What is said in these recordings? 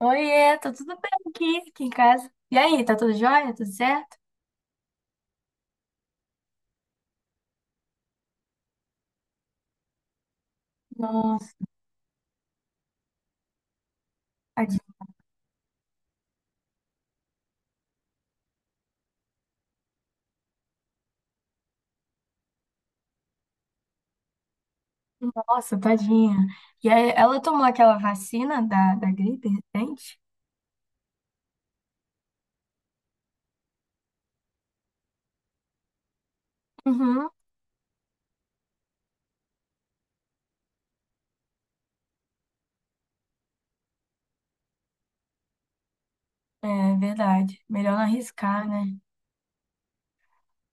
Oiê, tá tudo bem aqui em casa? E aí, tá tudo jóia? Tudo certo? Nossa, tadinha. Nossa, tadinha. E aí, ela tomou aquela vacina da gripe recente? Uhum, é verdade. Melhor não arriscar, né?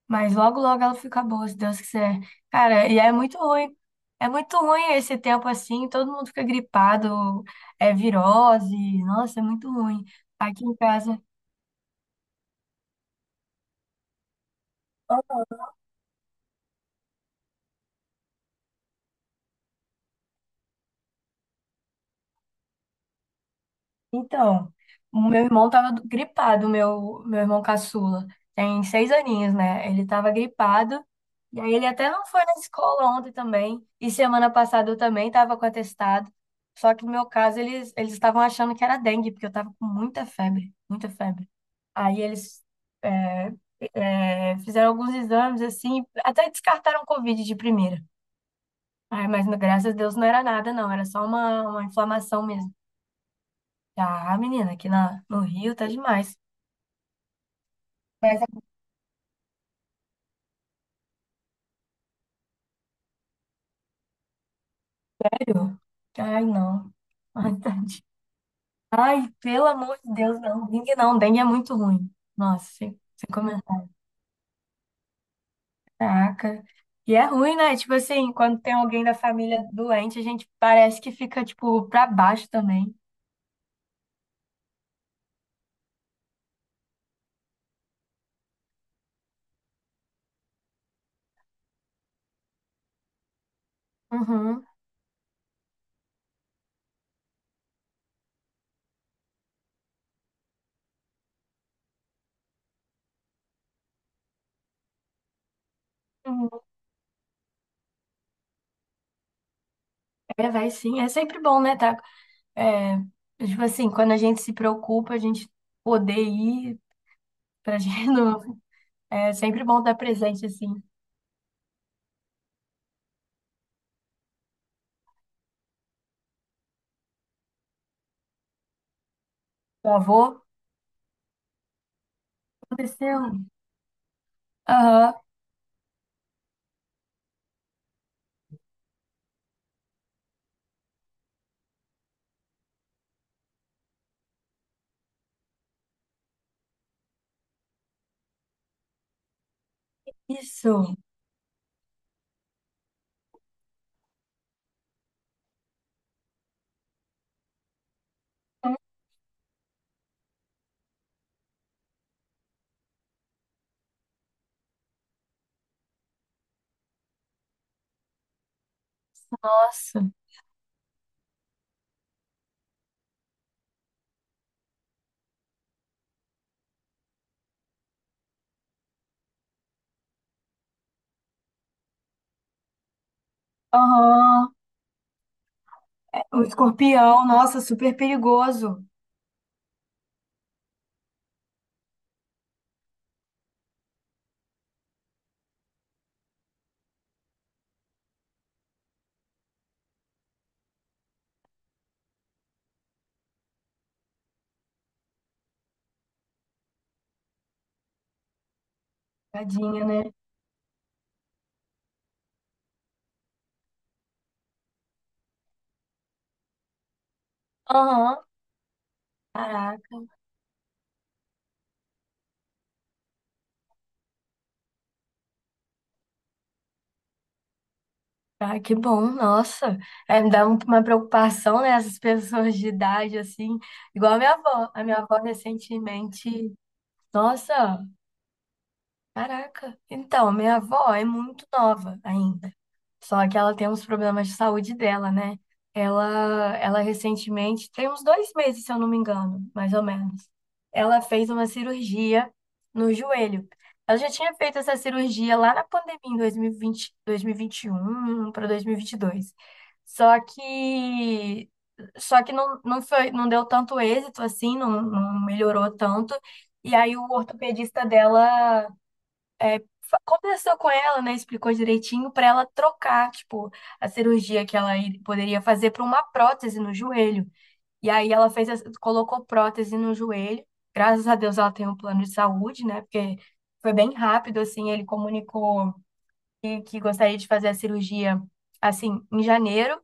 Mas logo, logo ela fica boa, se Deus quiser. Cara, e é muito ruim. É muito ruim esse tempo assim, todo mundo fica gripado, é virose. Nossa, é muito ruim. Aqui em casa. Então, o meu irmão tava gripado, o meu irmão caçula. Tem seis aninhos, né? Ele tava gripado. E aí ele até não foi na escola ontem também. E semana passada eu também tava com atestado. Só que no meu caso, eles estavam achando que era dengue, porque eu tava com muita febre, muita febre. Aí eles é, fizeram alguns exames, assim, até descartaram o Covid de primeira. Ai, mas graças a Deus não era nada, não. Era só uma inflamação. Tá, menina, aqui no Rio tá demais. Mas é melhor. Ai, não. Ai, tadinho. Ai, pelo amor de Deus, não. Dengue não, dengue é muito ruim. Nossa, sem comentar. Caraca. E é ruim, né? Tipo assim, quando tem alguém da família doente, a gente parece que fica, tipo, pra baixo também. Uhum. Uhum. É, vai sim. É sempre bom, né? Tá, é, tipo assim, quando a gente se preocupa, a gente poder ir pra gente. É sempre bom estar presente, assim. O avô. Aconteceu? Aham, isso. Nossa. Aham. O escorpião, nossa, super perigoso. Tadinha, né? Aham. Caraca. Ah, que bom, nossa. É, me dá uma preocupação, né? Essas pessoas de idade, assim. Igual a minha avó. A minha avó recentemente. Nossa. Caraca. Então, minha avó é muito nova ainda. Só que ela tem uns problemas de saúde dela, né? Ela recentemente, tem uns 2 meses, se eu não me engano, mais ou menos. Ela fez uma cirurgia no joelho. Ela já tinha feito essa cirurgia lá na pandemia, em dois mil e vinte, dois mil e vinte e um para dois mil e vinte e dois. Só que, só que não, não foi, não deu tanto êxito assim, não, não melhorou tanto. E aí o ortopedista dela é, conversou com ela, né? Explicou direitinho pra ela trocar, tipo, a cirurgia que ela poderia fazer pra uma prótese no joelho. E aí ela fez, colocou prótese no joelho. Graças a Deus ela tem um plano de saúde, né? Porque foi bem rápido, assim, ele comunicou que gostaria de fazer a cirurgia, assim, em janeiro.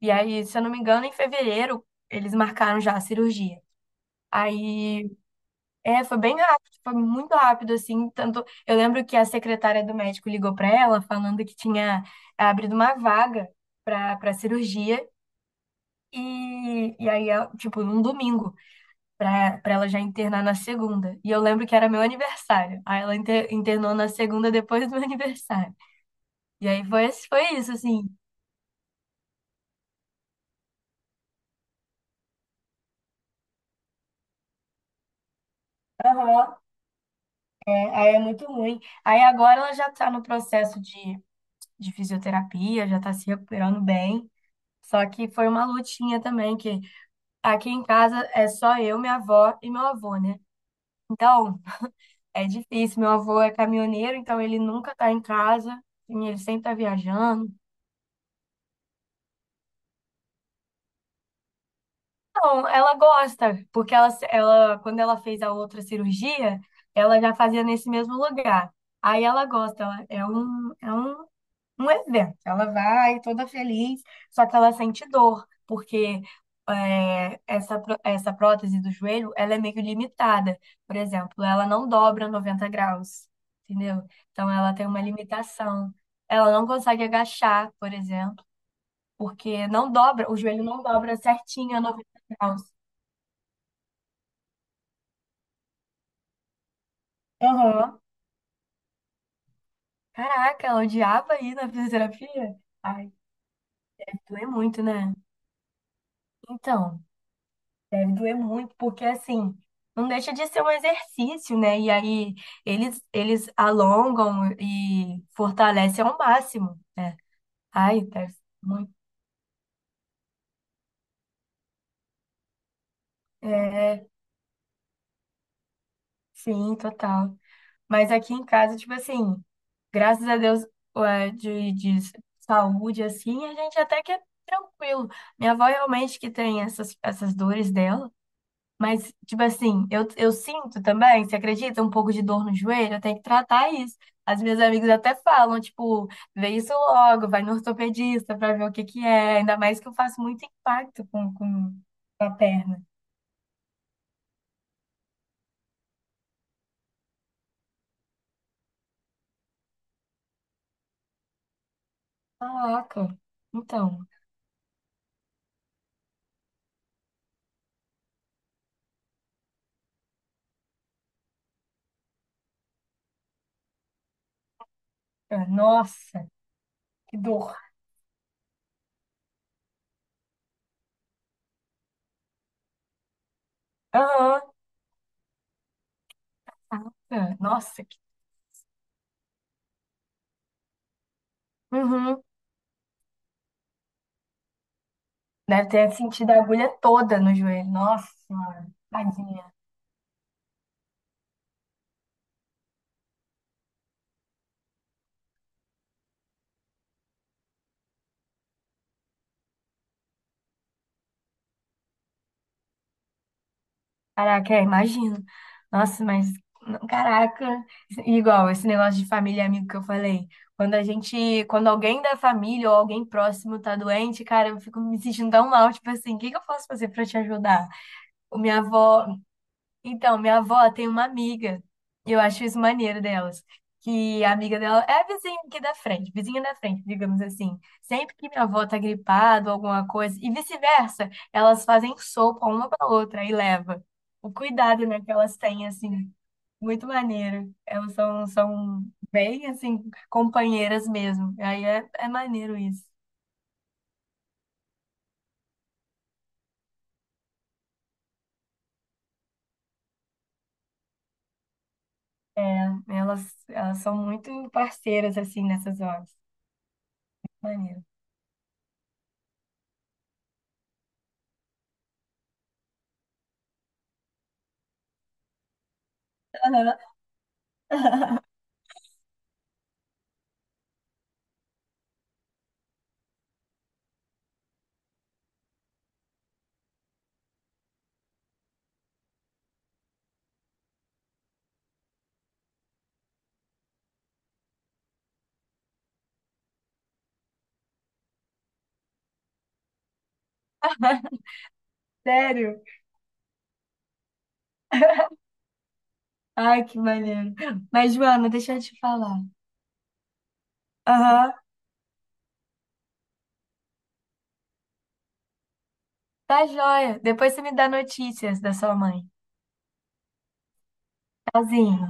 E aí, se eu não me engano, em fevereiro eles marcaram já a cirurgia. Aí foi bem rápido, foi muito rápido, assim, tanto... Eu lembro que a secretária do médico ligou para ela falando que tinha abrido uma vaga para cirurgia e, e aí, tipo, num domingo, para ela já internar na segunda. E eu lembro que era meu aniversário, aí ela internou na segunda depois do meu aniversário. E aí foi, foi isso, assim. Aham. É, aí é muito ruim. Aí agora ela já tá no processo de fisioterapia, já tá se recuperando bem. Só que foi uma lutinha também. Que Aqui em casa é só eu, minha avó e meu avô, né? Então, é difícil. Meu avô é caminhoneiro, então ele nunca tá em casa, e ele sempre tá viajando. Então, ela gosta, porque ela, quando ela fez a outra cirurgia, ela já fazia nesse mesmo lugar. Aí ela gosta, ela, é um evento. Ela vai toda feliz, só que ela sente dor, porque essa prótese do joelho, ela é meio limitada. Por exemplo, ela não dobra 90 graus, entendeu? Então, ela tem uma limitação. Ela não consegue agachar, por exemplo, porque não dobra, o joelho não dobra certinho a 90 graus. Aham. Caraca, ela odiava ir na fisioterapia? Ai, doer muito, né? Então, deve doer muito, porque assim, não deixa de ser um exercício, né? E aí eles alongam e fortalecem ao máximo, né? Ai, deve ser muito. É, sim, total. Mas aqui em casa, tipo assim, graças a Deus, ué, de saúde, assim, a gente até que é tranquilo. Minha avó realmente que tem essas dores dela. Mas, tipo assim, eu sinto também, você acredita? Um pouco de dor no joelho, eu tenho que tratar isso. As minhas amigas até falam, tipo, vê isso logo, vai no ortopedista pra ver o que que é. Ainda mais que eu faço muito impacto com a perna. Caraca. Então, nossa, que dor. Aham, nossa. Que... Uhum. Deve ter sentido a agulha toda no joelho. Nossa, senhora, tadinha. Caraca, imagino. Nossa, mas caraca, igual esse negócio de família e amigo que eu falei. Quando alguém da família ou alguém próximo tá doente, cara, eu fico me sentindo tão mal, tipo assim, o que que eu posso fazer pra te ajudar? O minha avó, então, minha avó tem uma amiga, e eu acho isso maneiro delas, que a amiga dela é a vizinha aqui da frente, vizinha da frente, digamos assim. Sempre que minha avó tá gripada ou alguma coisa, e vice-versa, elas fazem sopa uma pra outra e leva. O cuidado, né, que elas têm, assim, muito maneiro. Elas são bem, assim, companheiras mesmo. Aí é maneiro isso. É, elas são muito parceiras, assim, nessas horas. Maneiro. Sério? Ai, que maneiro. Mas, Joana, deixa eu te falar. Aham, tá joia. Depois você me dá notícias da sua mãe. Tchauzinho.